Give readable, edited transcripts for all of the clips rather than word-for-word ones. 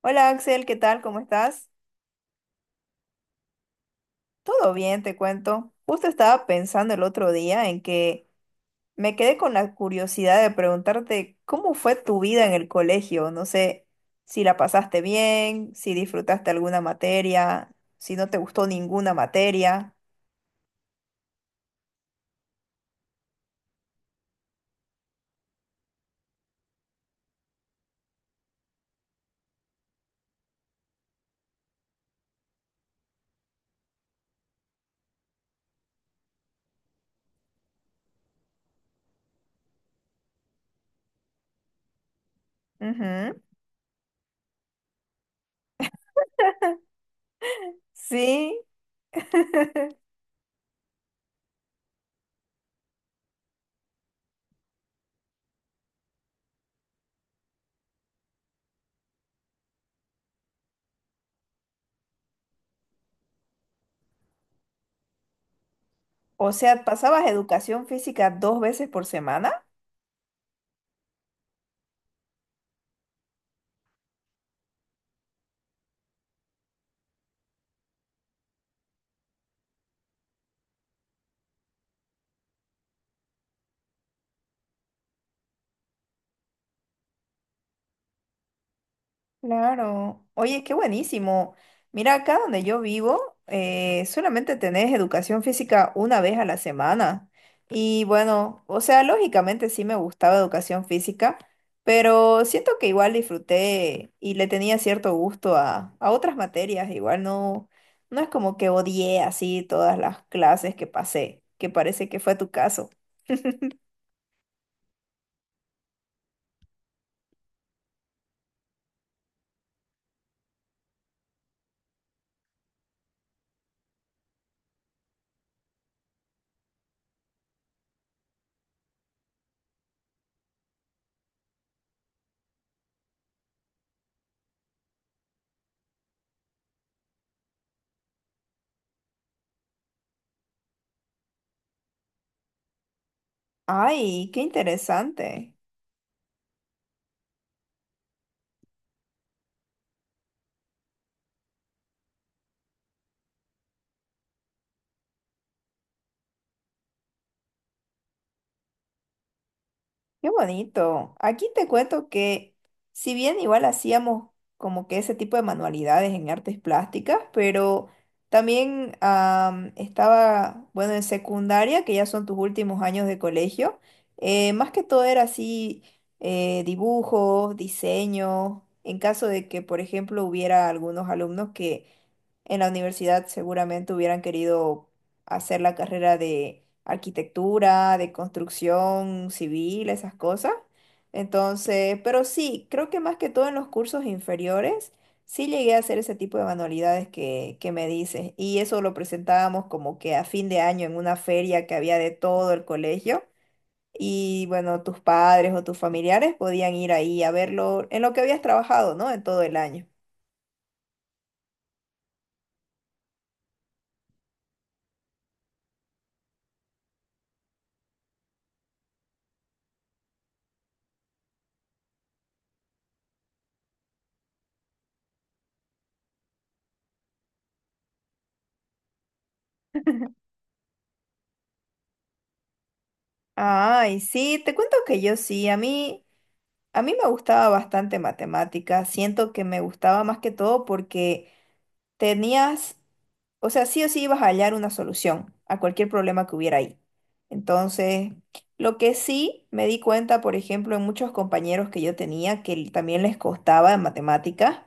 Hola Axel, ¿qué tal? ¿Cómo estás? Todo bien, te cuento. Justo estaba pensando el otro día en que me quedé con la curiosidad de preguntarte cómo fue tu vida en el colegio. No sé si la pasaste bien, si disfrutaste alguna materia, si no te gustó ninguna materia. Ujú. Sí, o sea, ¿pasabas educación física dos veces por semana? Claro. Oye, qué buenísimo. Mira, acá donde yo vivo, solamente tenés educación física una vez a la semana. Y bueno, o sea, lógicamente sí me gustaba educación física, pero siento que igual disfruté y le tenía cierto gusto a otras materias. Igual no, no es como que odié así todas las clases que pasé, que parece que fue tu caso. Ay, qué interesante. Qué bonito. Aquí te cuento que si bien igual hacíamos como que ese tipo de manualidades en artes plásticas, pero también estaba, bueno, en secundaria, que ya son tus últimos años de colegio, más que todo era así dibujos, diseño, en caso de que, por ejemplo, hubiera algunos alumnos que en la universidad seguramente hubieran querido hacer la carrera de arquitectura, de construcción civil, esas cosas. Entonces, pero sí, creo que más que todo en los cursos inferiores, sí llegué a hacer ese tipo de manualidades que me dices. Y eso lo presentábamos como que a fin de año en una feria que había de todo el colegio. Y bueno, tus padres o tus familiares podían ir ahí a verlo en lo que habías trabajado, ¿no? En todo el año. Ay, sí, te cuento que yo sí, a mí. A mí me gustaba bastante matemática, siento que me gustaba más que todo porque tenías, o sea, sí o sí ibas a hallar una solución a cualquier problema que hubiera ahí. Entonces, lo que sí me di cuenta, por ejemplo, en muchos compañeros que yo tenía también les costaba en matemáticas,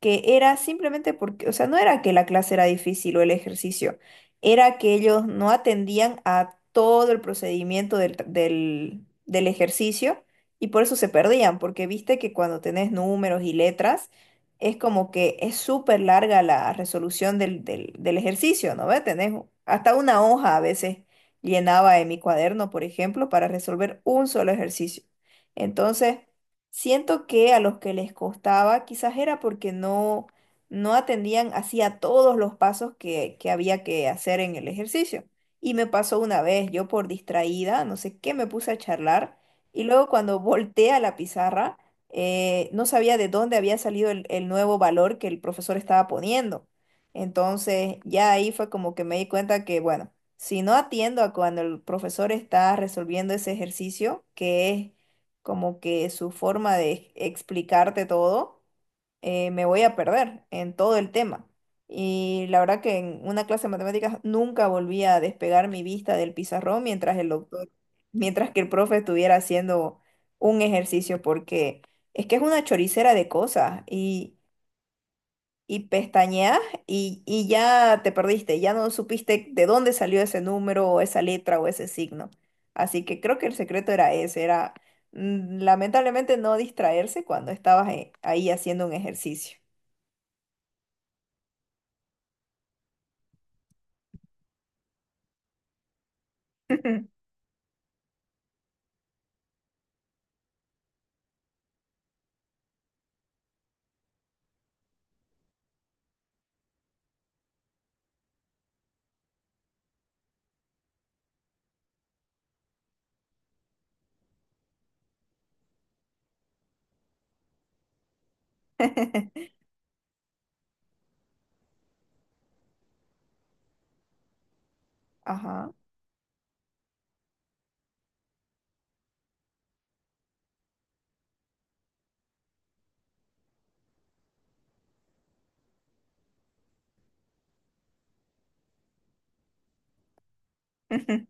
que era simplemente porque, o sea, no era que la clase era difícil o el ejercicio, era que ellos no atendían a todo el procedimiento del, del ejercicio y por eso se perdían, porque viste que cuando tenés números y letras, es como que es súper larga la resolución del ejercicio, ¿no ves? Tenés hasta una hoja a veces llenaba en mi cuaderno, por ejemplo, para resolver un solo ejercicio. Entonces, siento que a los que les costaba quizás era porque no, no atendían así a todos los pasos que había que hacer en el ejercicio. Y me pasó una vez, yo por distraída, no sé qué, me puse a charlar y luego cuando volteé a la pizarra, no sabía de dónde había salido el nuevo valor que el profesor estaba poniendo. Entonces ya ahí fue como que me di cuenta que, bueno, si no atiendo a cuando el profesor está resolviendo ese ejercicio, que es como que su forma de explicarte todo, me voy a perder en todo el tema. Y la verdad que en una clase de matemáticas nunca volví a despegar mi vista del pizarrón mientras el doctor, mientras que el profe estuviera haciendo un ejercicio, porque es que es una choricera de cosas y pestañeas y ya te perdiste, ya no supiste de dónde salió ese número o esa letra o ese signo. Así que creo que el secreto era ese, era lamentablemente no distraerse cuando estabas ahí haciendo un ejercicio. Ajá.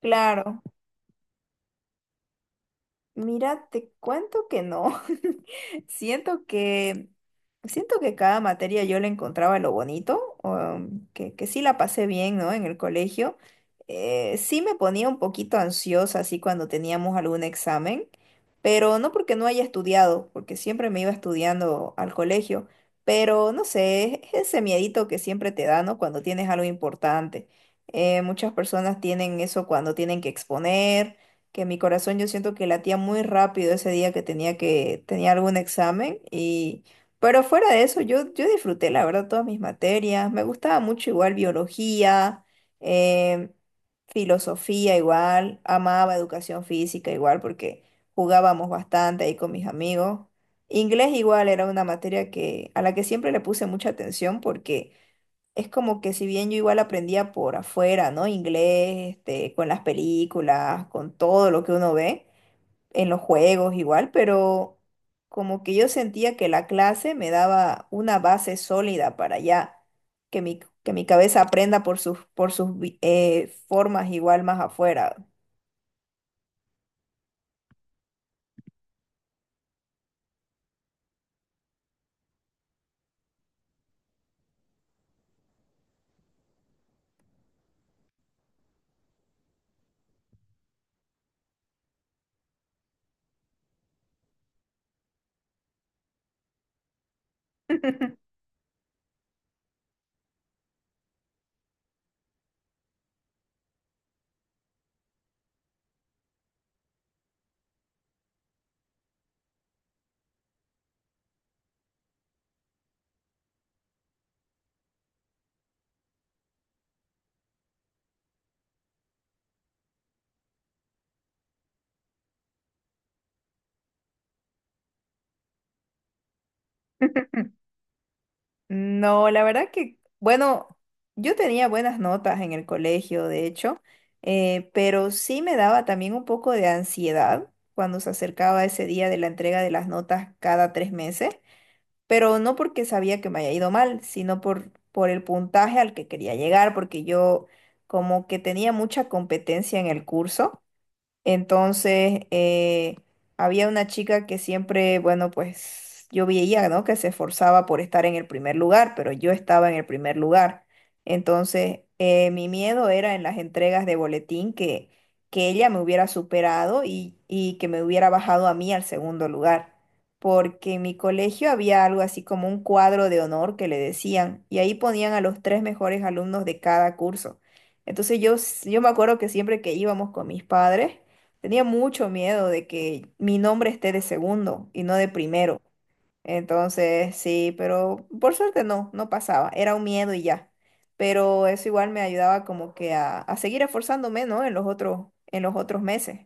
Claro. Mira, te cuento que no. Siento que siento que cada materia yo le encontraba lo bonito, que sí la pasé bien, ¿no? En el colegio. Sí me ponía un poquito ansiosa así cuando teníamos algún examen, pero no porque no haya estudiado, porque siempre me iba estudiando al colegio. Pero no sé, es ese miedito que siempre te da, ¿no? Cuando tienes algo importante. Muchas personas tienen eso cuando tienen que exponer que mi corazón yo siento que latía muy rápido ese día que tenía algún examen y pero fuera de eso yo disfruté la verdad todas mis materias, me gustaba mucho igual biología, em, filosofía igual, amaba educación física igual porque jugábamos bastante ahí con mis amigos. Inglés igual era una materia que a la que siempre le puse mucha atención porque es como que si bien yo igual aprendía por afuera, ¿no? Inglés, este, con las películas, con todo lo que uno ve, en los juegos igual, pero como que yo sentía que la clase me daba una base sólida para ya que mi cabeza aprenda por sus, por sus formas igual más afuera. No, la verdad que, bueno, yo tenía buenas notas en el colegio, de hecho, pero sí me daba también un poco de ansiedad cuando se acercaba ese día de la entrega de las notas cada tres meses, pero no porque sabía que me haya ido mal, sino por el puntaje al que quería llegar, porque yo como que tenía mucha competencia en el curso. Entonces, había una chica que siempre, bueno, pues yo veía, ¿no? Que se esforzaba por estar en el primer lugar, pero yo estaba en el primer lugar. Entonces, mi miedo era en las entregas de boletín que ella me hubiera superado y que me hubiera bajado a mí al segundo lugar. Porque en mi colegio había algo así como un cuadro de honor que le decían, y ahí ponían a los tres mejores alumnos de cada curso. Entonces yo me acuerdo que siempre que íbamos con mis padres, tenía mucho miedo de que mi nombre esté de segundo y no de primero. Entonces, sí, pero por suerte no, no pasaba. Era un miedo y ya. Pero eso igual me ayudaba como que a seguir esforzándome, ¿no? En los otros meses.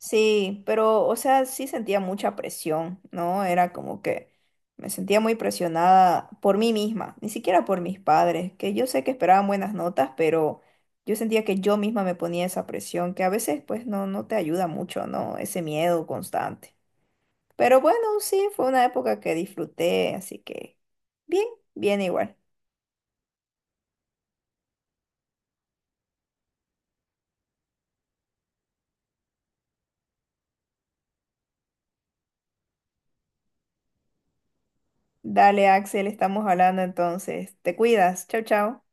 Sí, pero, o sea, sí sentía mucha presión, ¿no? Era como que me sentía muy presionada por mí misma, ni siquiera por mis padres, que yo sé que esperaban buenas notas, pero yo sentía que yo misma me ponía esa presión, que a veces pues no, no te ayuda mucho, ¿no? Ese miedo constante. Pero bueno, sí, fue una época que disfruté, así que bien, bien igual. Dale, Axel, estamos hablando entonces. Te cuidas. Chao, chao.